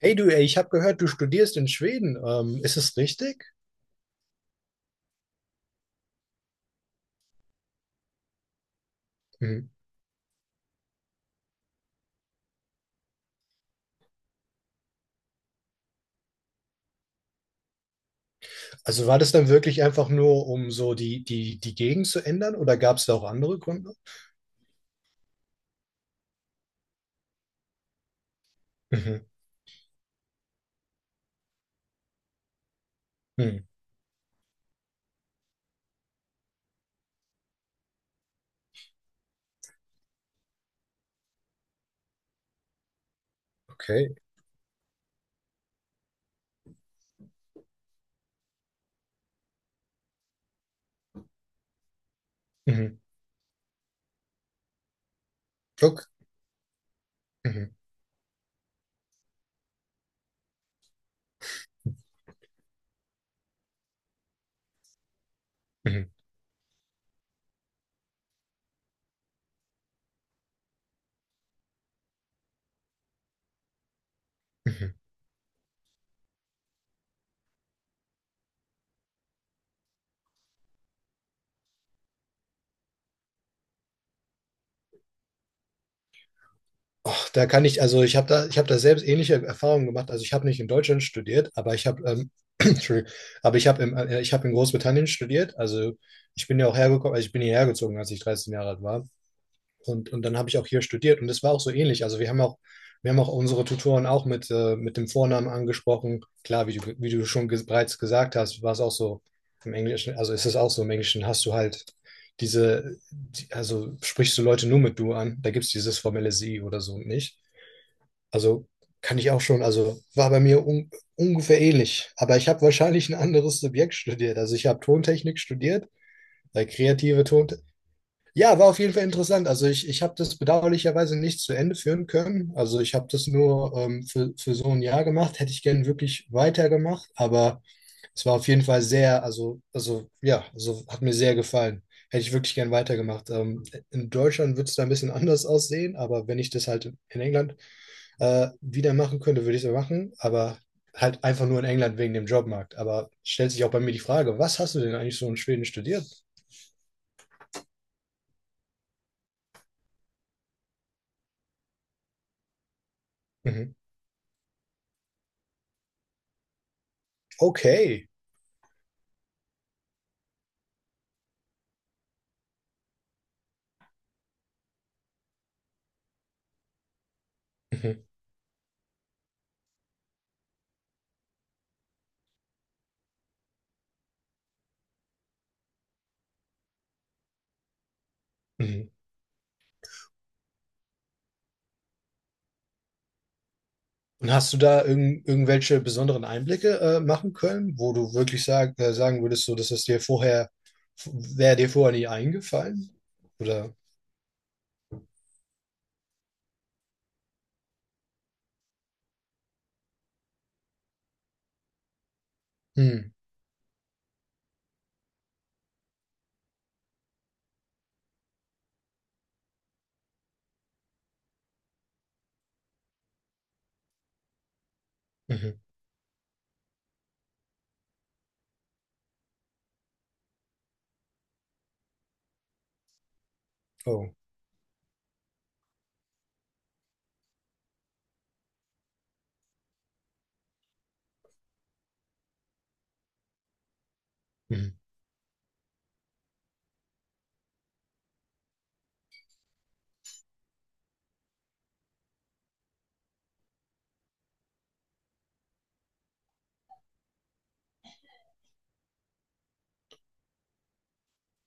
Hey du, ey, ich habe gehört, du studierst in Schweden. Ist es richtig? Mhm. Also war das dann wirklich einfach nur, um so die Gegend zu ändern, oder gab es da auch andere Gründe? Mhm. Mhm. Okay. Mhm. Look. Mhm. Mhm. Mhm. Och, da kann ich, also ich habe da selbst ähnliche Erfahrungen gemacht. Also ich habe nicht in Deutschland studiert, aber ich habe, Entschuldigung, aber ich habe ich habe in Großbritannien studiert. Also ich bin ja auch hergekommen, also ich bin hierher gezogen, als ich 13 Jahre alt war. Und dann habe ich auch hier studiert, und das war auch so ähnlich. Wir haben auch unsere Tutoren auch mit dem Vornamen angesprochen. Klar, wie du schon ge bereits gesagt hast, war es auch so im Englischen, also ist es auch so im Englischen, hast du halt also sprichst du Leute nur mit du an, da gibt es dieses formelle sie oder so nicht. Also kann ich auch schon, also war bei mir un ungefähr ähnlich, aber ich habe wahrscheinlich ein anderes Subjekt studiert. Also ich habe Tontechnik studiert, weil kreative Ton ja, war auf jeden Fall interessant. Ich habe das bedauerlicherweise nicht zu Ende führen können. Also ich habe das nur für so ein Jahr gemacht. Hätte ich gern wirklich weitergemacht, aber es war auf jeden Fall sehr, also ja, also hat mir sehr gefallen. Hätte ich wirklich gern weitergemacht. In Deutschland würde es da ein bisschen anders aussehen, aber wenn ich das halt in England wieder machen könnte, würde ich es machen. Aber halt einfach nur in England wegen dem Jobmarkt. Aber stellt sich auch bei mir die Frage, was hast du denn eigentlich so in Schweden studiert? Mhm. Okay. Mhm. Mhm. Und hast du da irgendwelche besonderen Einblicke machen können, wo du wirklich sagen würdest, so, dass das dir vorher, wäre dir vorher nie eingefallen? Oder? Hm, mhm, oh, mhm,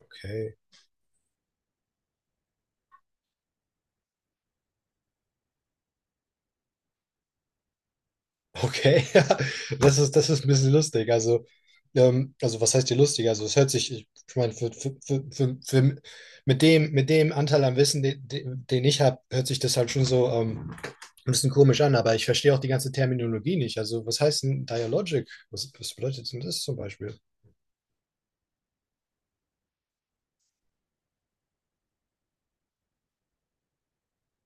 okay. Okay, ja, das ist ein bisschen lustig. Also was heißt hier lustig? Also, es hört sich, ich meine, für, mit dem Anteil an Wissen, den ich habe, hört sich das halt schon so ein bisschen komisch an, aber ich verstehe auch die ganze Terminologie nicht. Also, was heißt denn Dialogic? Was bedeutet denn das zum Beispiel?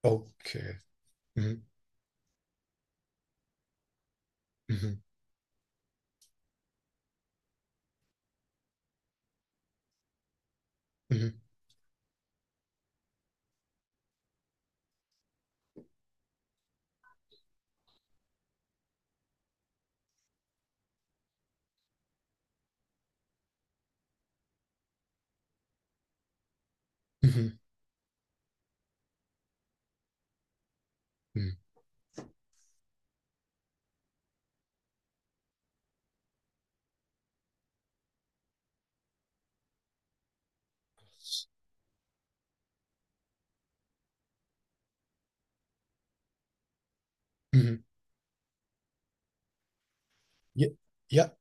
Okay. Mhm. Mhm. Mhm. Mhm. Mhm. Mhm. Ja, ja,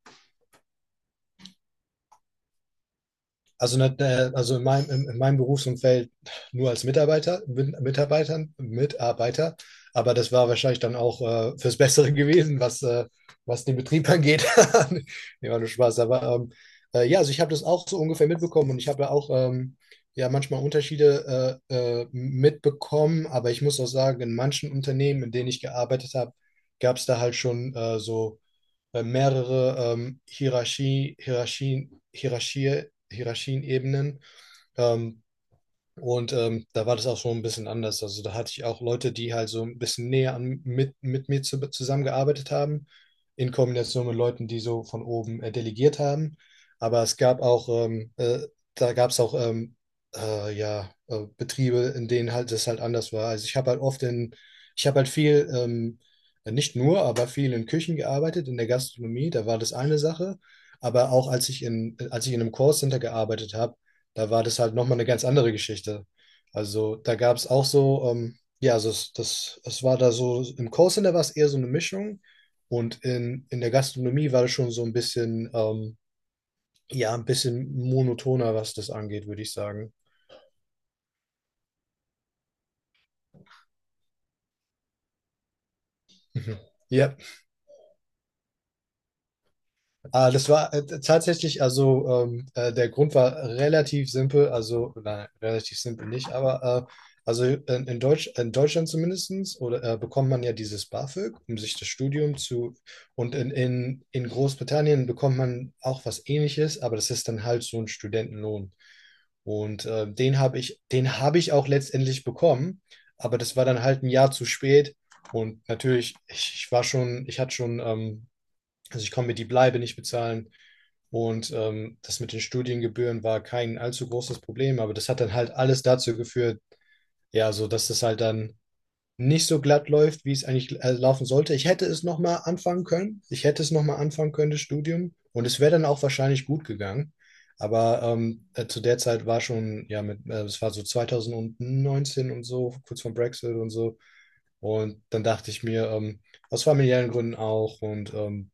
Also in meinem Berufsumfeld nur als Mitarbeiter, aber das war wahrscheinlich dann auch fürs Bessere gewesen, was den Betrieb angeht. Nee, war nur Spaß. Aber ja, also ich habe das auch so ungefähr mitbekommen, und ich habe ja auch ja manchmal Unterschiede mitbekommen, aber ich muss auch sagen, in manchen Unternehmen, in denen ich gearbeitet habe, gab es da halt schon so mehrere Hierarchien-Ebenen, ähm, da war das auch schon ein bisschen anders. Also da hatte ich auch Leute, die halt so ein bisschen mit mir zusammengearbeitet haben, in Kombination mit Leuten, die so von oben delegiert haben. Aber es gab auch, da gab es auch ja, Betriebe, in denen halt das halt anders war. Also ich habe halt viel, nicht nur, aber viel in Küchen gearbeitet, in der Gastronomie, da war das eine Sache. Aber auch als ich in einem Callcenter gearbeitet habe, da war das halt nochmal eine ganz andere Geschichte. Also da gab es auch so, ja, es war da so, im Callcenter war es eher so eine Mischung, und in der Gastronomie war das schon so ein bisschen, ja, ein bisschen monotoner, was das angeht, würde ich sagen. Mhm. Ja. Ah, das war tatsächlich, also der Grund war relativ simpel, also nein, relativ simpel nicht, aber also in Deutschland zumindestens oder bekommt man ja dieses BAföG, um sich das Studium zu und in Großbritannien bekommt man auch was Ähnliches, aber das ist dann halt so ein Studentenlohn. Und den habe ich auch letztendlich bekommen, aber das war dann halt ein Jahr zu spät. Und natürlich, ich war schon, ich hatte schon also ich konnte mir die Bleibe nicht bezahlen. Und das mit den Studiengebühren war kein allzu großes Problem, aber das hat dann halt alles dazu geführt, ja, so dass das halt dann nicht so glatt läuft, wie es eigentlich laufen sollte. Ich hätte es nochmal anfangen können. Ich hätte es nochmal anfangen können, das Studium. Und es wäre dann auch wahrscheinlich gut gegangen. Aber zu der Zeit war schon, ja, es war so 2019 und so, kurz vor Brexit und so. Und dann dachte ich mir, aus familiären Gründen auch und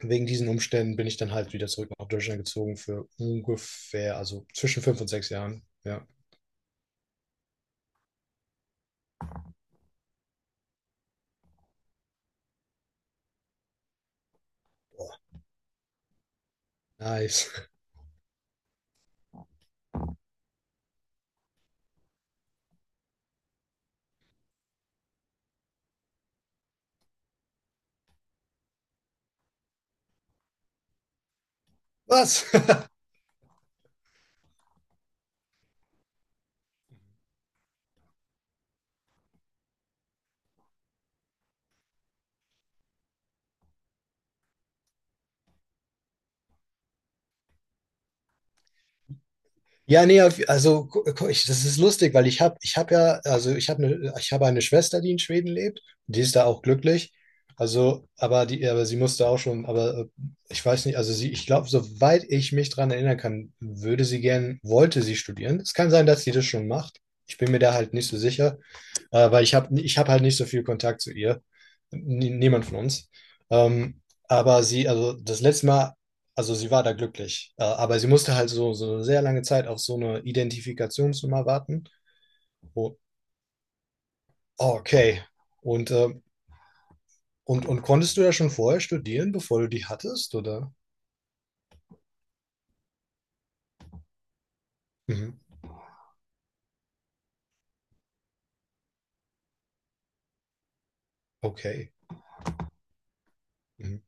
wegen diesen Umständen bin ich dann halt wieder zurück nach Deutschland gezogen für ungefähr, also zwischen fünf und sechs Jahren. Ja, nice. Was? Ja, nee, das ist lustig, weil ich habe ja, also ich habe eine Schwester, die in Schweden lebt, die ist da auch glücklich. Also, aber sie musste auch schon, aber ich weiß nicht, also sie, ich glaube, soweit ich mich dran erinnern kann, wollte sie studieren. Es kann sein, dass sie das schon macht. Ich bin mir da halt nicht so sicher. Weil ich hab halt nicht so viel Kontakt zu ihr. N Niemand von uns. Ähm, also das letzte Mal, also sie war da glücklich. Aber sie musste halt so eine sehr lange Zeit auf so eine Identifikationsnummer warten. Wo, oh, okay. Und, und konntest du ja schon vorher studieren, bevor du die hattest, oder? Mhm. Okay. Mhm.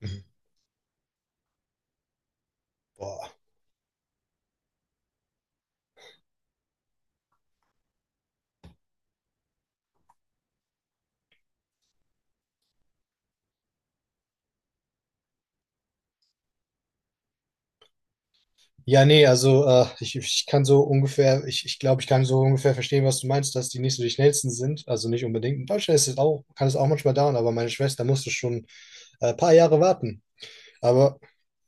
Mhm. Boah. Ja, nee, also ich kann so ungefähr, ich glaube, ich kann so ungefähr verstehen, was du meinst, dass die nicht so die schnellsten sind. Also nicht unbedingt. In Deutschland ist es auch, kann es auch manchmal dauern, aber meine Schwester musste schon ein paar Jahre warten. Aber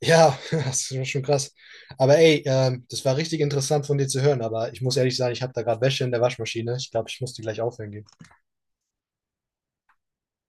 ja, das ist schon krass. Aber ey, das war richtig interessant von dir zu hören, aber ich muss ehrlich sagen, ich habe da gerade Wäsche in der Waschmaschine. Ich glaube, ich muss die gleich aufhängen gehen.